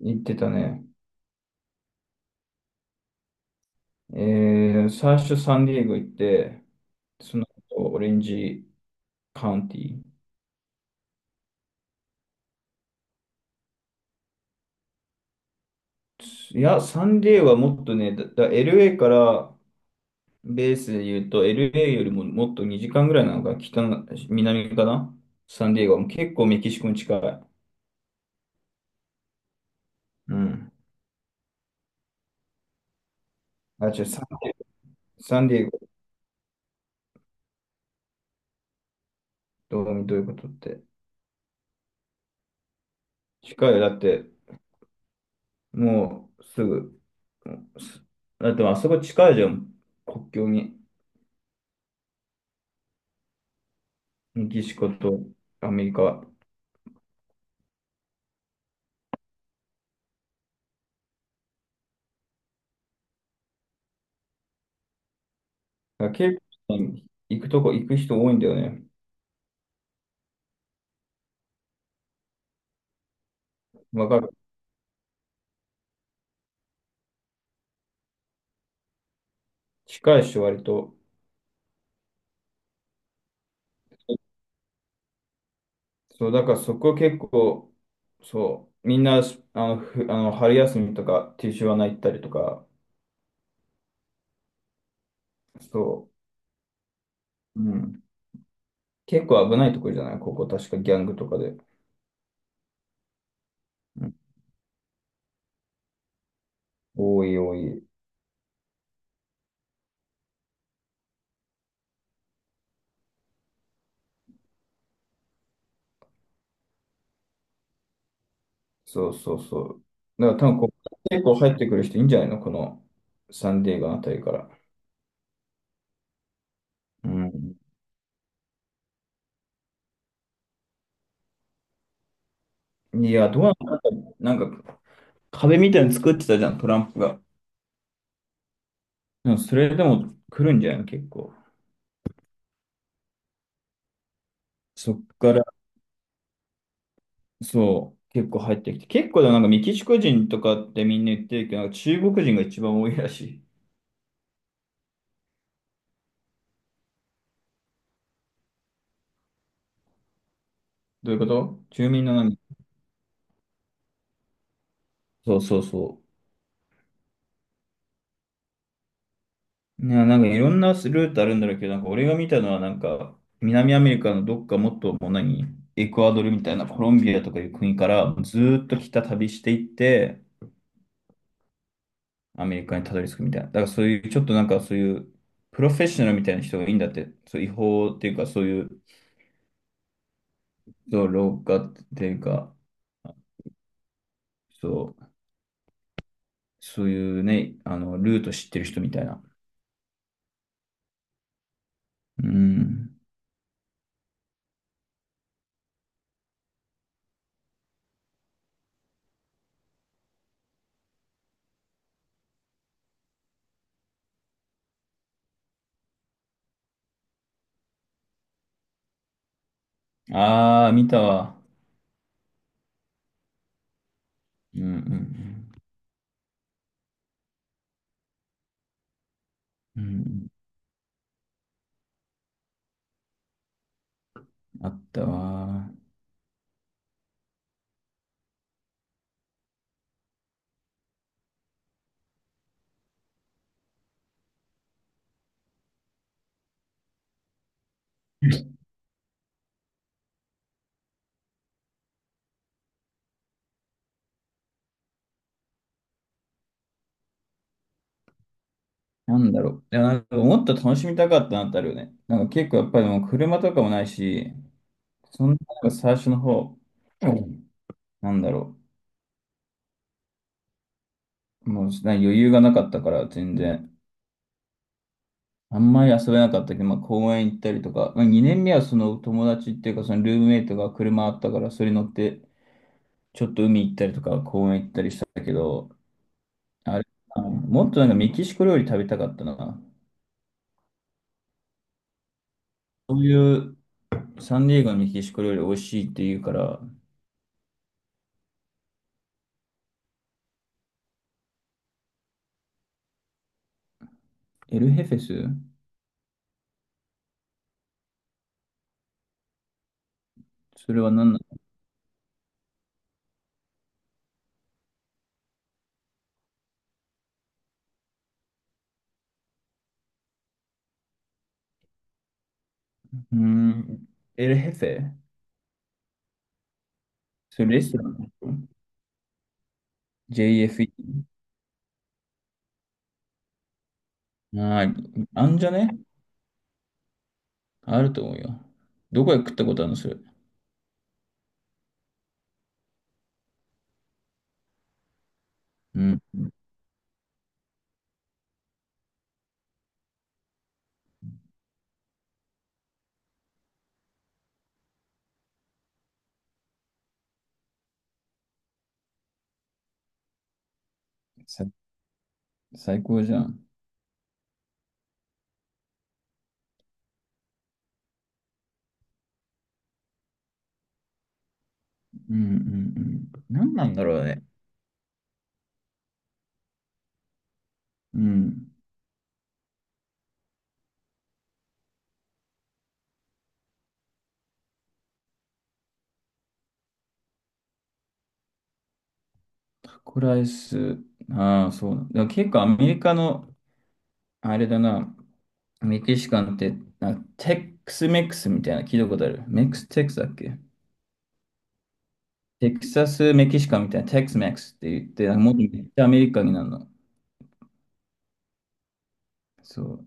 行ってたね。最初サンディエゴ行って、その後オレンジカウンティ。いや、サンディエゴはもっとね、LA から、ベースで言うと、LA よりももっと2時間ぐらいなのか、北の、南かな。サンディエゴはもう結構メキシコに近い。うん。あ、違う、サンディエゴ。どういうことって。近いよ。だって、もうすぐ、すだってまあそこ近いじゃん。国境に。メキシコとアメリカ。だから結構行くとこ行く人多いんだよね。わかる。近いし、割と。そう、だからそこ結構、そう、みんな、あの、あの春休みとか、ティーシュワナ行ったりとか、そう、うん。結構危ないところじゃないここ、確かギャングとかで。うん。多い多い。そうそうそう。だから多分ここ、結構入ってくる人いいんじゃないのこのサンディエゴあたりから。うん。いや、どうなんだろう、なんか、壁みたいに作ってたじゃん、トランプが。でもそれでも来るんじゃないの結構。そっから、そう、結構入ってきて。結構でもなんかメキシコ人とかってみんな言ってるけど、なんか中国人が一番多いらしい。どういうこと、住民の何？そうそうそう。ね、なんかいろんなルートあるんだろうけど、なんか俺が見たのはなんか、南アメリカのどっか、もっともう何、エクアドルみたいな、コロンビアとかいう国からずーっと北旅していって、アメリカにたどり着くみたいな。だからそういう、ちょっとなんかそういう、プロフェッショナルみたいな人がいいんだって、そう、違法っていうかそういう、そう、廊下っていうか、そう、そういうね、あの、ルート知ってる人みたいな。うん。ああ、見たわ。うんうんうん。うんうん、あったわ。なんだろう。いや、なんかもっと楽しみたかったなってあるよね。なんか結構やっぱりもう車とかもないし、そんな、なんか最初の方、うん、なんだろう。もうなんか余裕がなかったから全然。あんまり遊べなかったけど、まあ、公園行ったりとか、まあ、2年目はその友達っていうか、そのルームメイトが車あったから、それに乗って、ちょっと海行ったりとか、公園行ったりしたけど、あれ、あのもっとなんかメキシコ料理食べたかったな。そういうサンディエゴのメキシコ料理美味しいって言うから、エルヘフェス？それは何なの？うーん、エルヘフェ。それレストラン？ JFE？ ああ、あんじゃね？あると思うよ。どこへ食ったことあるのそれ。うん。さ最高じゃん。うんうんうん。何なんだろうね。うん。タコライス。ああ、そうだ。でも結構アメリカの、あれだな、メキシカンって、なんかテックスメックスみたいなの聞いたことある。メックステックスだっけ？テキサスメキシカンみたいな、テックスメックスって言って、なんかもっとめっちゃアメリカになるの。そう。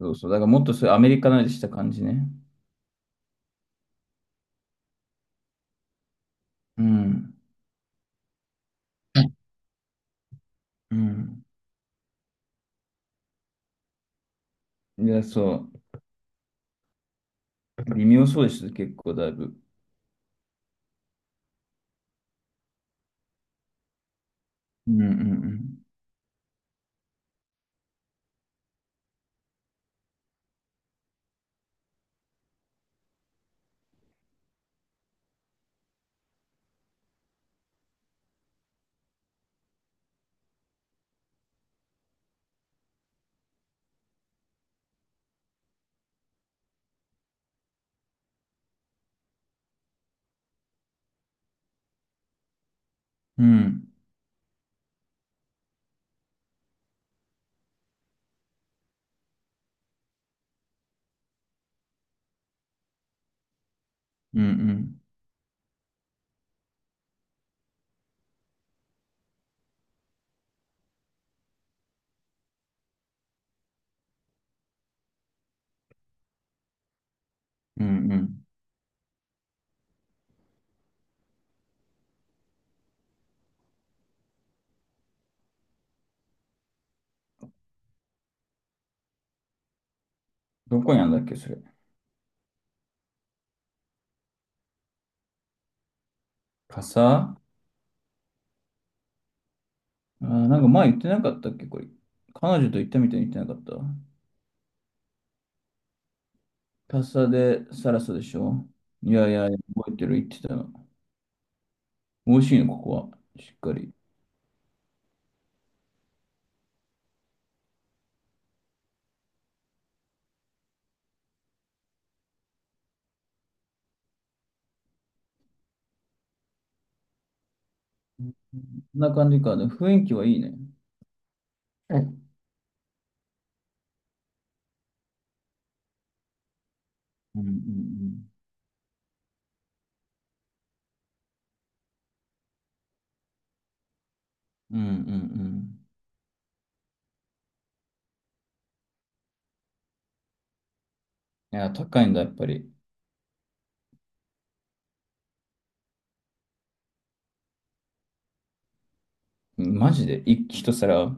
そうそう。だからもっとそういうアメリカなりした感じね。うん。うん。いや、そう。微妙そうです。結構だいぶ。うんうんうん。うんうんうん。うんうん。どこにあるんだっけ、それ。傘あー、なんか前言ってなかったっけ、これ。彼女と行ったみたいに言ってなかった？傘でサラサでしょ？いやいや、覚えてる、言ってたの。美味しいの、ここは。しっかり。うん、こんな感じか。でも雰囲気はいいね。うんうんうんうん。うんうんうん。いや、高いんだ、やっぱり。うん、マジで、一皿。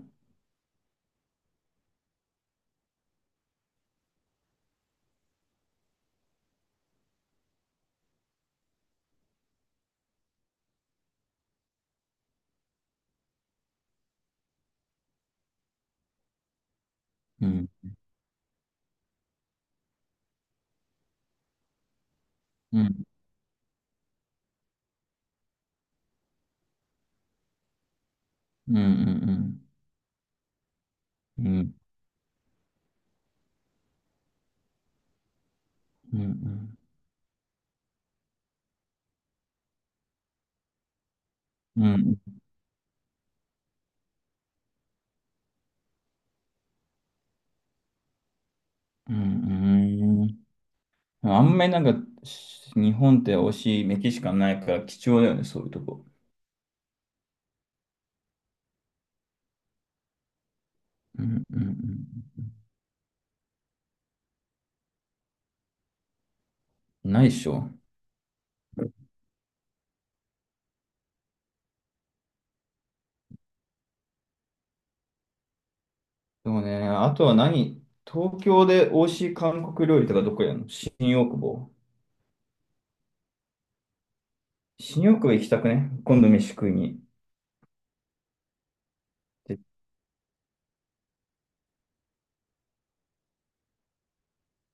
うん。うんうんうんうん。うんうんうん。うんうんうん。あんまりなんか、日本って美味しいメキシカンないから貴重だよね、そういうとこ。うんうんうん。ないでしょ。でもね、あとは何、東京で美味しい韓国料理とかどこやんの？新大久保。新大久保行きたくね？今度飯食いに。で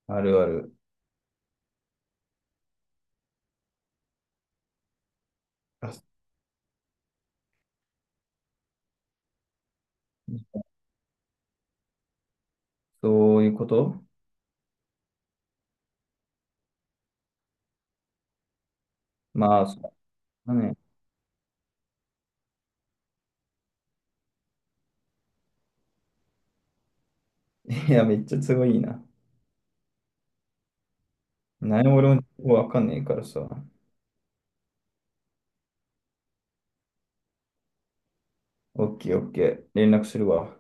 あるある。あ、そういうこと？まあ、そうだね。いや、めっちゃ都合いいな。何も俺もわかんないからさ。オッケーオッケー。連絡するわ。